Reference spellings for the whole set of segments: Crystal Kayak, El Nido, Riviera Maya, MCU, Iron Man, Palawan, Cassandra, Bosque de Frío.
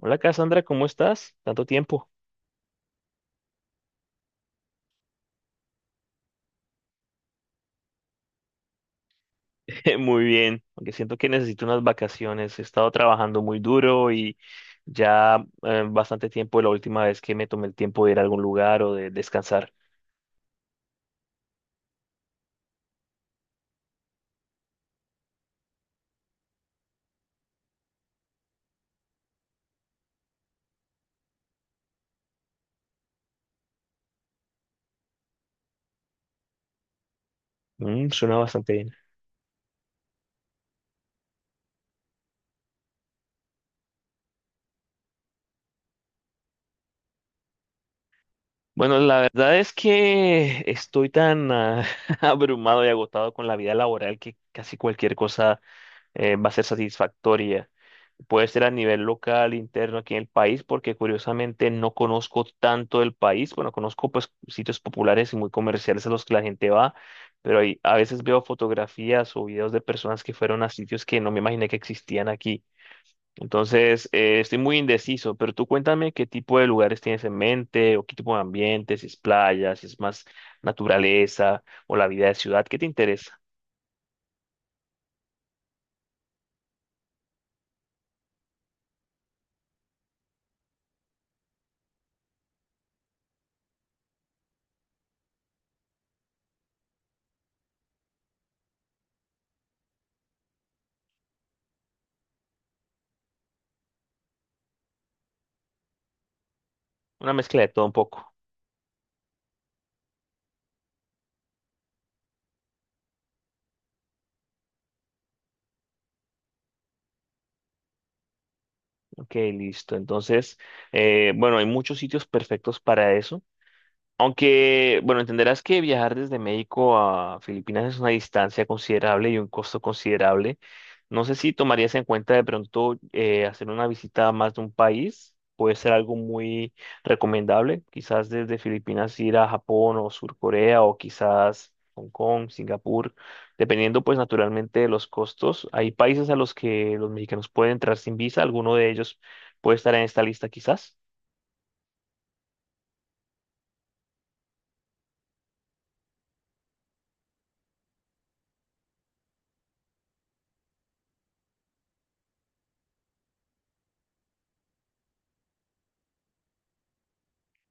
Hola Cassandra, ¿cómo estás? Tanto tiempo. Muy bien, aunque siento que necesito unas vacaciones. He estado trabajando muy duro y ya bastante tiempo de la última vez que me tomé el tiempo de ir a algún lugar o de descansar. Suena bastante bien. Bueno, la verdad es que estoy tan abrumado y agotado con la vida laboral que casi cualquier cosa va a ser satisfactoria. Puede ser a nivel local, interno, aquí en el país, porque curiosamente no conozco tanto del país. Bueno, conozco pues sitios populares y muy comerciales a los que la gente va, pero ahí a veces veo fotografías o videos de personas que fueron a sitios que no me imaginé que existían aquí. Entonces, estoy muy indeciso, pero tú cuéntame qué tipo de lugares tienes en mente o qué tipo de ambiente, si es playa, si es más naturaleza o la vida de ciudad, ¿qué te interesa? Una mezcla de todo un poco. Ok, listo. Entonces, bueno, hay muchos sitios perfectos para eso. Aunque, bueno, entenderás que viajar desde México a Filipinas es una distancia considerable y un costo considerable. No sé si tomarías en cuenta de pronto hacer una visita a más de un país. Puede ser algo muy recomendable. Quizás desde Filipinas ir a Japón o Sur Corea o quizás Hong Kong, Singapur, dependiendo pues naturalmente de los costos. Hay países a los que los mexicanos pueden entrar sin visa. Alguno de ellos puede estar en esta lista quizás.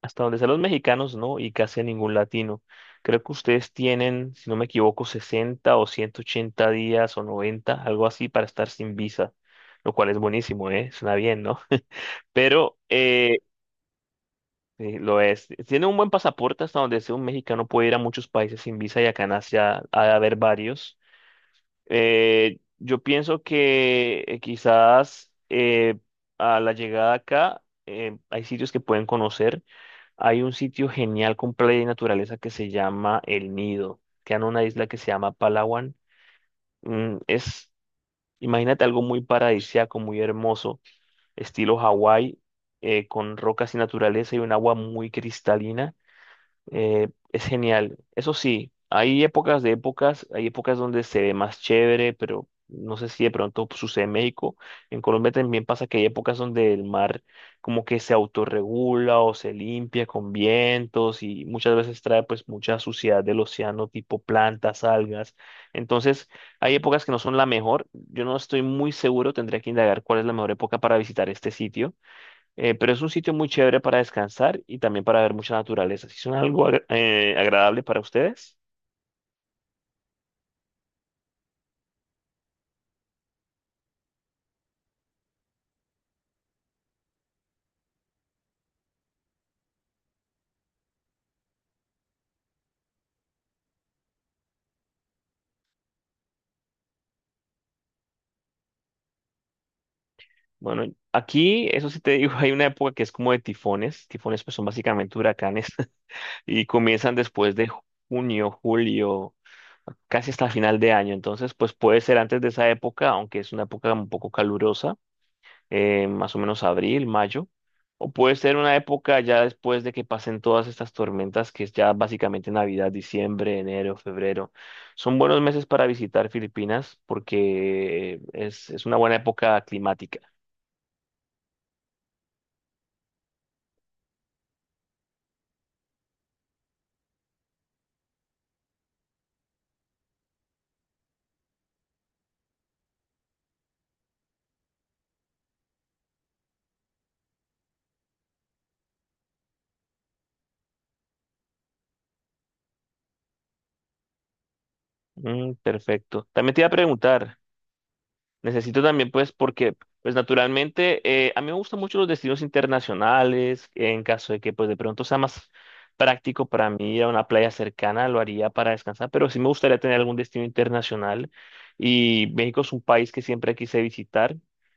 Hasta donde sean los mexicanos, no, y casi a ningún latino. Creo que ustedes tienen, si no me equivoco, 60 o 180 días o 90, algo así, para estar sin visa, lo cual es buenísimo, ¿eh? Suena bien, ¿no? Pero sí, lo es. Tienen un buen pasaporte hasta donde sea un mexicano puede ir a muchos países sin visa y acá en Asia ha de haber varios. Yo pienso que quizás a la llegada acá hay sitios que pueden conocer. Hay un sitio genial con playa y naturaleza que se llama El Nido. Queda en una isla que se llama Palawan. Mm, es, imagínate algo muy paradisíaco, muy hermoso, estilo Hawái, con rocas y naturaleza y un agua muy cristalina. Es genial. Eso sí, hay épocas de épocas, hay épocas donde se ve más chévere, pero no sé si de pronto sucede en México. En Colombia también pasa que hay épocas donde el mar como que se autorregula o se limpia con vientos y muchas veces trae pues mucha suciedad del océano, tipo plantas, algas. Entonces, hay épocas que no son la mejor. Yo no estoy muy seguro, tendría que indagar cuál es la mejor época para visitar este sitio, pero es un sitio muy chévere para descansar y también para ver mucha naturaleza. Si son algo agradable para ustedes, bueno, aquí, eso sí te digo, hay una época que es como de tifones. Tifones pues son básicamente huracanes y comienzan después de junio, julio, casi hasta final de año. Entonces, pues puede ser antes de esa época, aunque es una época un poco calurosa. Más o menos abril, mayo, o puede ser una época ya después de que pasen todas estas tormentas, que es ya básicamente Navidad, diciembre, enero, febrero. Son buenos meses para visitar Filipinas porque es una buena época climática. Mm, perfecto. También te iba a preguntar. Necesito también, pues, porque, pues, naturalmente, a mí me gustan mucho los destinos internacionales. En caso de que, pues, de pronto sea más práctico para mí ir a una playa cercana, lo haría para descansar, pero sí me gustaría tener algún destino internacional. Y México es un país que siempre quise visitar.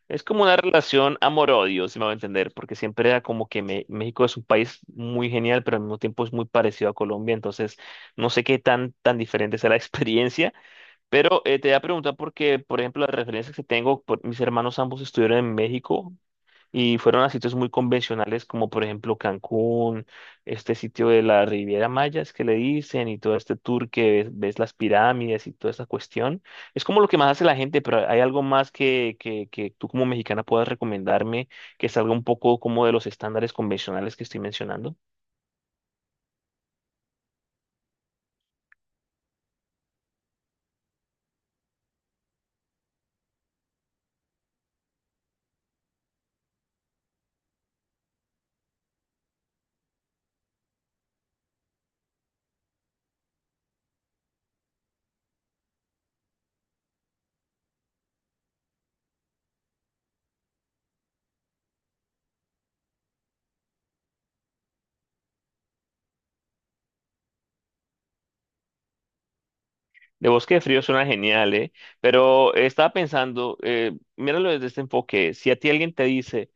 Es como una relación amor-odio, si me va a entender, porque siempre era como que me- México es un país muy genial, pero al mismo tiempo es muy parecido a Colombia, entonces no sé qué tan diferente sea la experiencia, pero te voy a preguntar porque, por ejemplo, las referencias que tengo, mis hermanos ambos estuvieron en México y fueron a sitios muy convencionales como, por ejemplo, Cancún, este sitio de la Riviera Maya, es que le dicen y todo este tour que ves, ves las pirámides y toda esta cuestión. Es como lo que más hace la gente, pero hay algo más que tú como mexicana puedas recomendarme que salga un poco como de los estándares convencionales que estoy mencionando. De Bosque de Frío suena genial, ¿eh? Pero estaba pensando, míralo desde este enfoque, si a ti alguien te dice,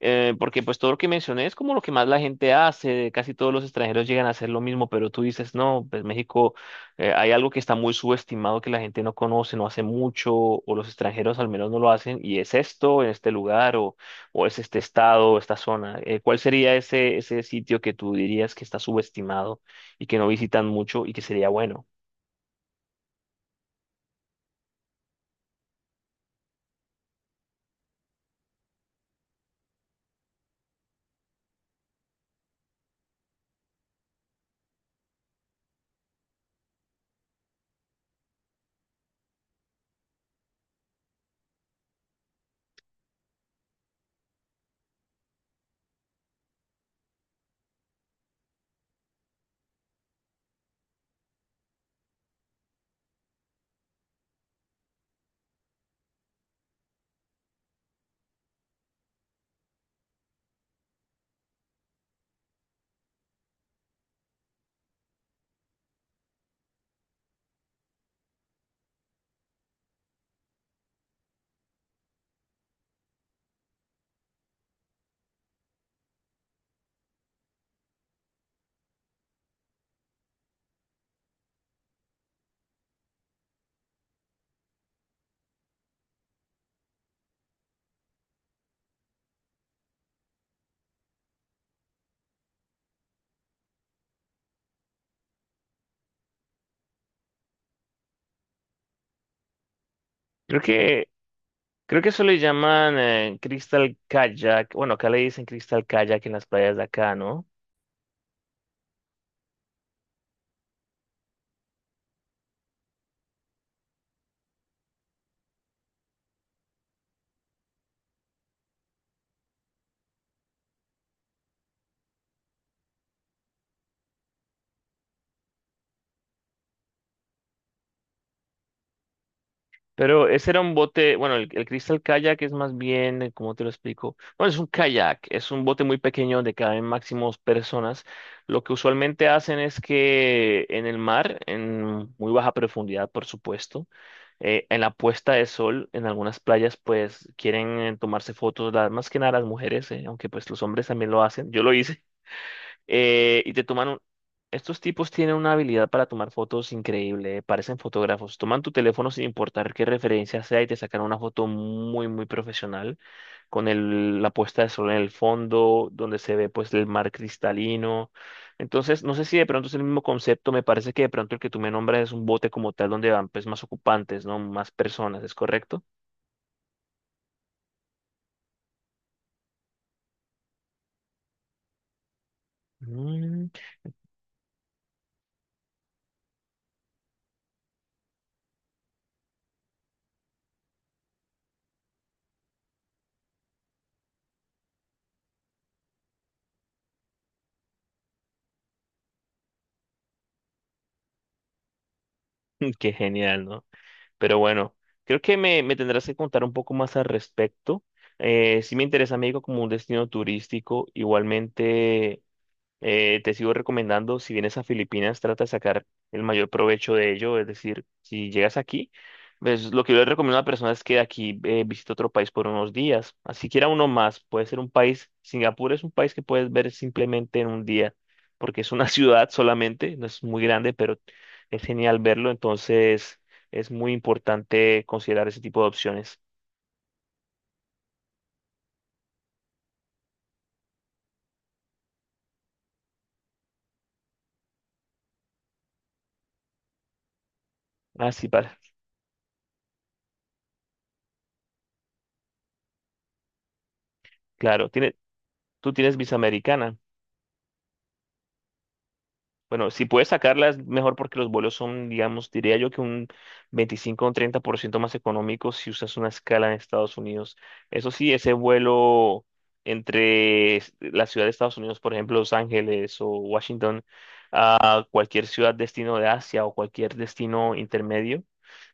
porque pues todo lo que mencioné es como lo que más la gente hace, casi todos los extranjeros llegan a hacer lo mismo, pero tú dices, no, pues México, hay algo que está muy subestimado que la gente no conoce, no hace mucho, o los extranjeros al menos no lo hacen, y es esto, en este lugar, o es este estado, o esta zona. ¿Cuál sería ese, ese sitio que tú dirías que está subestimado y que no visitan mucho y que sería bueno? Creo que Creo que eso le llaman Crystal Kayak. Bueno, acá le dicen Crystal Kayak en las playas de acá, ¿no? Pero ese era un bote, bueno, el Crystal Kayak es más bien, ¿cómo te lo explico? Bueno, es un kayak, es un bote muy pequeño donde caben máximo dos personas. Lo que usualmente hacen es que en el mar, en muy baja profundidad, por supuesto, en la puesta de sol, en algunas playas, pues quieren tomarse fotos, las, más que nada las mujeres, aunque pues los hombres también lo hacen. Yo lo hice. eh, y te toman un- Estos tipos tienen una habilidad para tomar fotos increíble, parecen fotógrafos. Toman tu teléfono sin importar qué referencia sea y te sacan una foto muy, muy profesional, con la puesta de sol en el fondo, donde se ve pues el mar cristalino. Entonces, no sé si de pronto es el mismo concepto, me parece que de pronto el que tú me nombras es un bote como tal, donde van pues más ocupantes, ¿no? Más personas, ¿es correcto? Mm, qué genial, ¿no? Pero bueno, creo que me tendrás que contar un poco más al respecto. Sí me interesa México como un destino turístico. Igualmente, te sigo recomendando, si vienes a Filipinas, trata de sacar el mayor provecho de ello. Es decir, si llegas aquí, pues, lo que yo le recomiendo a la persona es que de aquí visite otro país por unos días. Así quiera uno más, puede ser un país. Singapur es un país que puedes ver simplemente en un día, porque es una ciudad solamente, no es muy grande, pero es genial verlo. Entonces, es muy importante considerar ese tipo de opciones. Así para, claro, tiene, Tú tienes visa americana. Bueno, si puedes sacarlas, mejor porque los vuelos son, digamos, diría yo que un 25 o un 30% más económicos si usas una escala en Estados Unidos. Eso sí, ese vuelo entre la ciudad de Estados Unidos, por ejemplo, Los Ángeles o Washington, a cualquier ciudad destino de Asia o cualquier destino intermedio,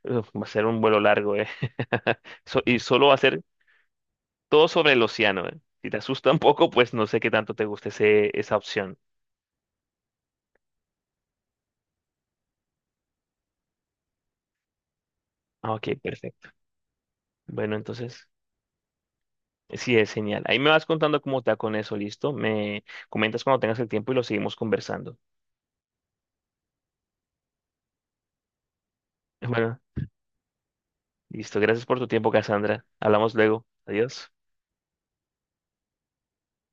uf, va a ser un vuelo largo, ¿eh? Y solo va a ser todo sobre el océano, ¿eh? Si te asusta un poco, pues no sé qué tanto te guste esa opción. Ah, ok, perfecto. Bueno, entonces. Sí, es genial. Ahí me vas contando cómo te va con eso, ¿listo? Me comentas cuando tengas el tiempo y lo seguimos conversando. Bueno, listo. Gracias por tu tiempo, Cassandra. Hablamos luego. Adiós.